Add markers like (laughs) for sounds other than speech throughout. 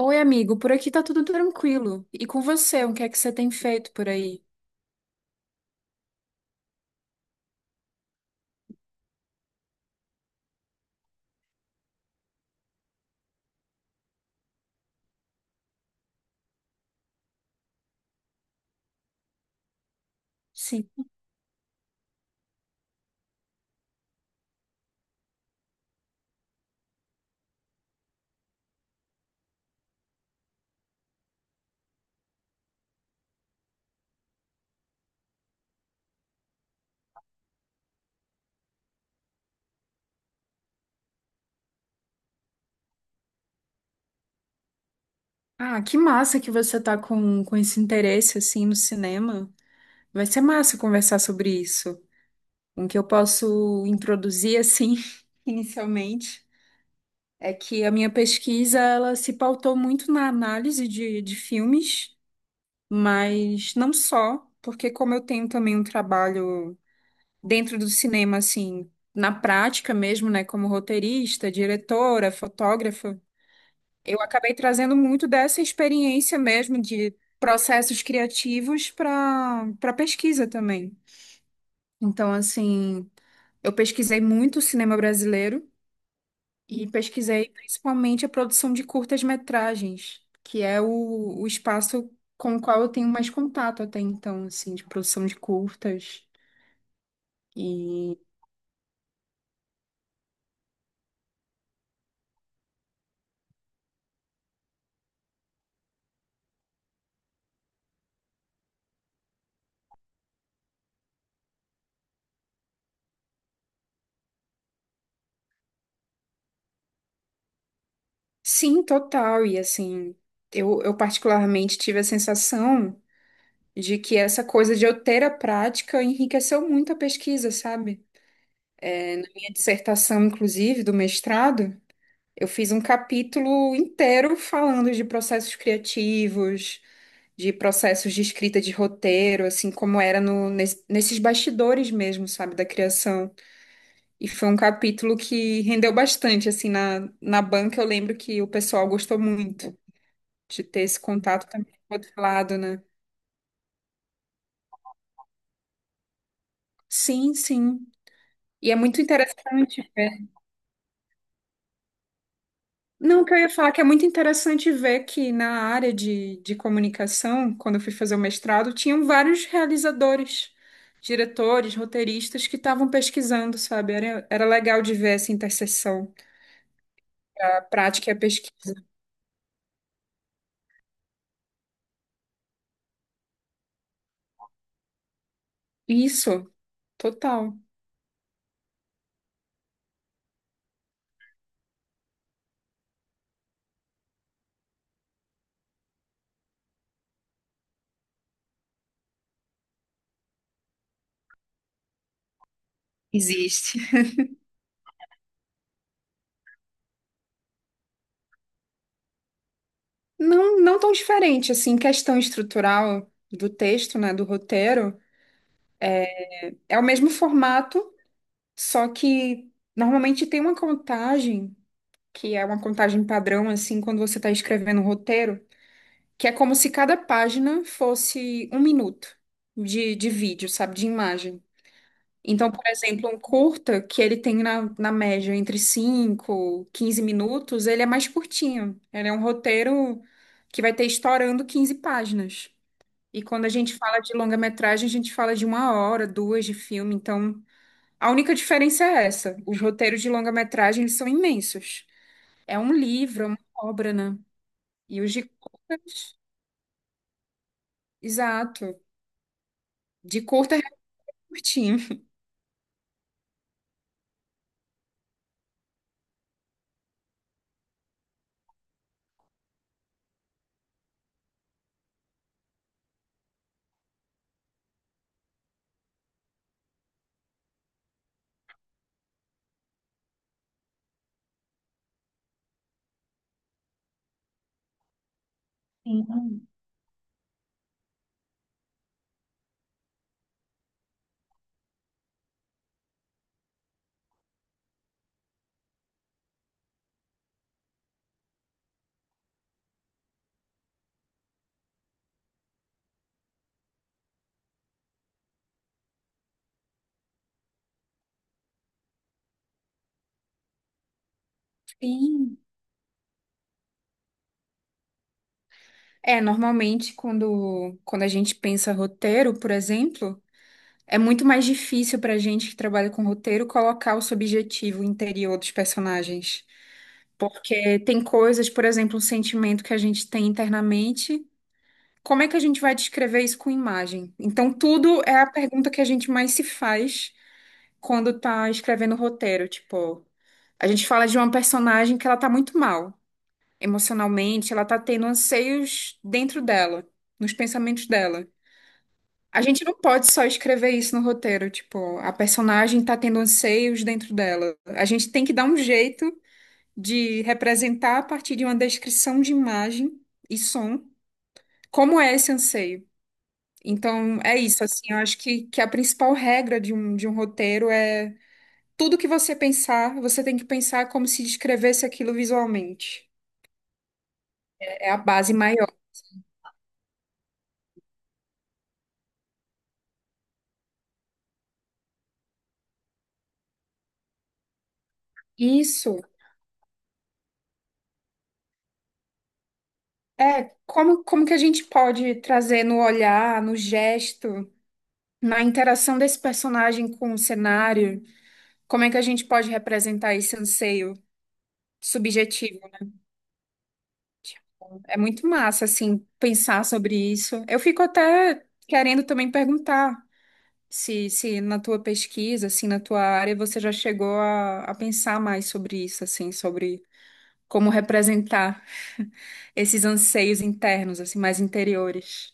Oi, amigo, por aqui tá tudo tranquilo. E com você, o que é que você tem feito por aí? Sim. Ah, que massa que você tá com esse interesse assim no cinema. Vai ser massa conversar sobre isso. O que eu posso introduzir assim, (laughs) inicialmente, é que a minha pesquisa ela se pautou muito na análise de filmes, mas não só, porque como eu tenho também um trabalho dentro do cinema, assim, na prática mesmo, né, como roteirista, diretora, fotógrafa, eu acabei trazendo muito dessa experiência mesmo de processos criativos para pesquisa também. Então, assim, eu pesquisei muito o cinema brasileiro e pesquisei principalmente a produção de curtas-metragens, que é o espaço com o qual eu tenho mais contato até então, assim, de produção de curtas. Sim, total. E assim, eu particularmente tive a sensação de que essa coisa de eu ter a prática enriqueceu muito a pesquisa, sabe? Minha dissertação, inclusive, do mestrado, eu fiz um capítulo inteiro falando de processos criativos, de processos de escrita de roteiro, assim como era no, nes- nesses bastidores mesmo, sabe, da criação. E foi um capítulo que rendeu bastante, assim, na, na banca eu lembro que o pessoal gostou muito de ter esse contato também do outro lado, né? Sim, sim. E é muito interessante ver. Não, o que eu ia falar é que é muito interessante ver que na área de comunicação, quando eu fui fazer o mestrado, tinham vários realizadores, diretores, roteiristas que estavam pesquisando, sabe? Era legal de ver essa interseção, a prática e a pesquisa. Isso, total. Existe. Não, não tão diferente, assim, questão estrutural do texto, né, do roteiro, é o mesmo formato. Só que normalmente tem uma contagem, que é uma contagem padrão, assim, quando você está escrevendo um roteiro, que é como se cada página fosse um minuto de vídeo, sabe, de imagem. Então, por exemplo, um curta, que ele tem na, na média entre 5, 15 minutos, ele é mais curtinho. Ele é um roteiro que vai ter estourando 15 páginas. E quando a gente fala de longa-metragem, a gente fala de uma hora, duas de filme, então. A única diferença é essa. Os roteiros de longa-metragem eles são imensos. É um livro, é uma obra, né? E os de curtas, exato. De curta é curtinho. Sim. É, normalmente quando a gente pensa roteiro, por exemplo, é muito mais difícil para a gente que trabalha com roteiro colocar o subjetivo interior dos personagens. Porque tem coisas, por exemplo, um sentimento que a gente tem internamente. Como é que a gente vai descrever isso com imagem? Então, tudo é a pergunta que a gente mais se faz quando tá escrevendo o roteiro. Tipo, a gente fala de uma personagem que ela tá muito mal emocionalmente, ela tá tendo anseios dentro dela, nos pensamentos dela. A gente não pode só escrever isso no roteiro, tipo, a personagem tá tendo anseios dentro dela. A gente tem que dar um jeito de representar a partir de uma descrição de imagem e som como é esse anseio. Então, é isso, assim, eu acho que a principal regra de um roteiro é tudo que você pensar, você tem que pensar como se descrevesse aquilo visualmente. É a base maior. Isso é como, como que a gente pode trazer no olhar, no gesto, na interação desse personagem com o cenário, como é que a gente pode representar esse anseio subjetivo? Tipo, é muito massa, assim, pensar sobre isso. Eu fico até querendo também perguntar. Se na tua pesquisa, assim, na tua área, você já chegou a pensar mais sobre isso, assim, sobre como representar esses anseios internos, assim, mais interiores.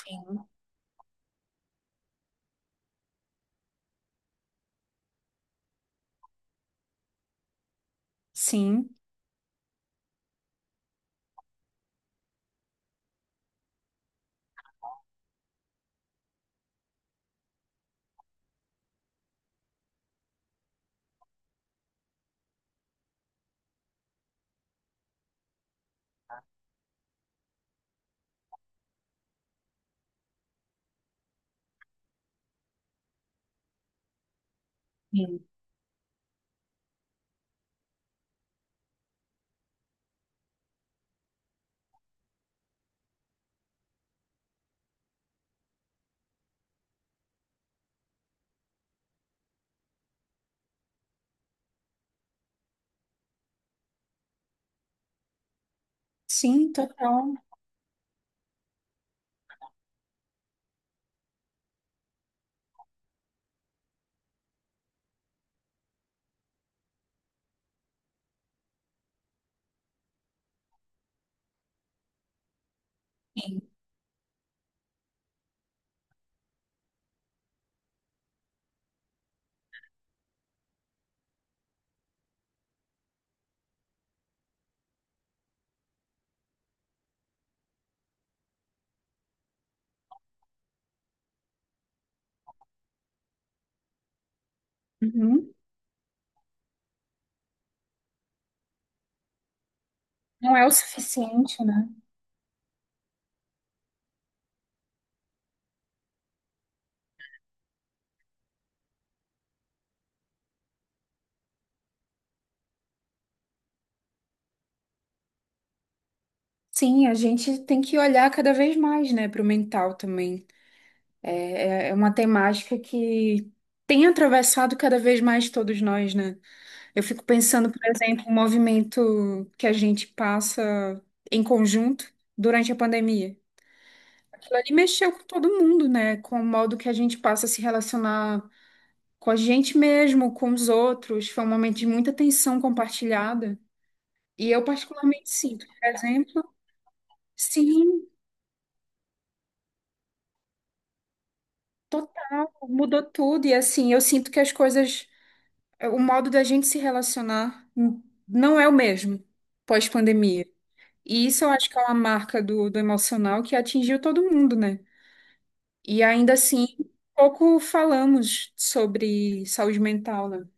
Sim. Sim, sim, total. Uhum. Não é o suficiente, né? Sim, a gente tem que olhar cada vez mais, né, para o mental também. É, é é uma temática que tem atravessado cada vez mais todos nós, né? Eu fico pensando, por exemplo, o movimento que a gente passa em conjunto durante a pandemia. Aquilo ali mexeu com todo mundo, né? Com o modo que a gente passa a se relacionar com a gente mesmo, com os outros. Foi um momento de muita tensão compartilhada. E eu particularmente sinto, por exemplo, sim, total, mudou tudo. E assim, eu sinto que as coisas, o modo da gente se relacionar não é o mesmo pós-pandemia. E isso eu acho que é uma marca do emocional que atingiu todo mundo, né? E ainda assim, pouco falamos sobre saúde mental, né?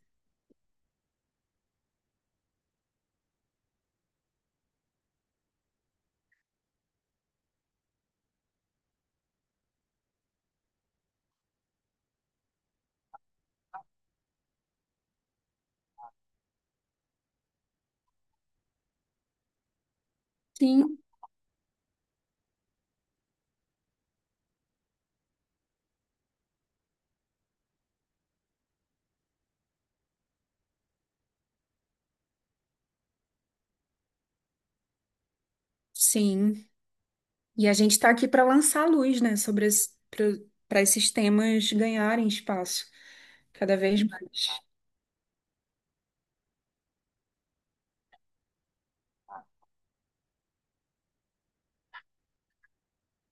Sim, sim. E a gente está aqui para lançar luz, né, sobre, para esses temas ganharem espaço cada vez mais.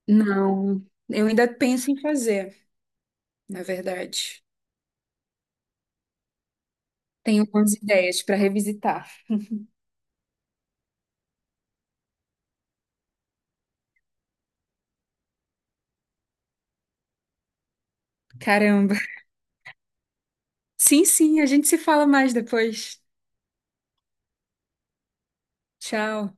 Não, eu ainda penso em fazer, na verdade. Tenho algumas ideias para revisitar. Caramba. Sim, sim, a gente se fala mais depois. Tchau.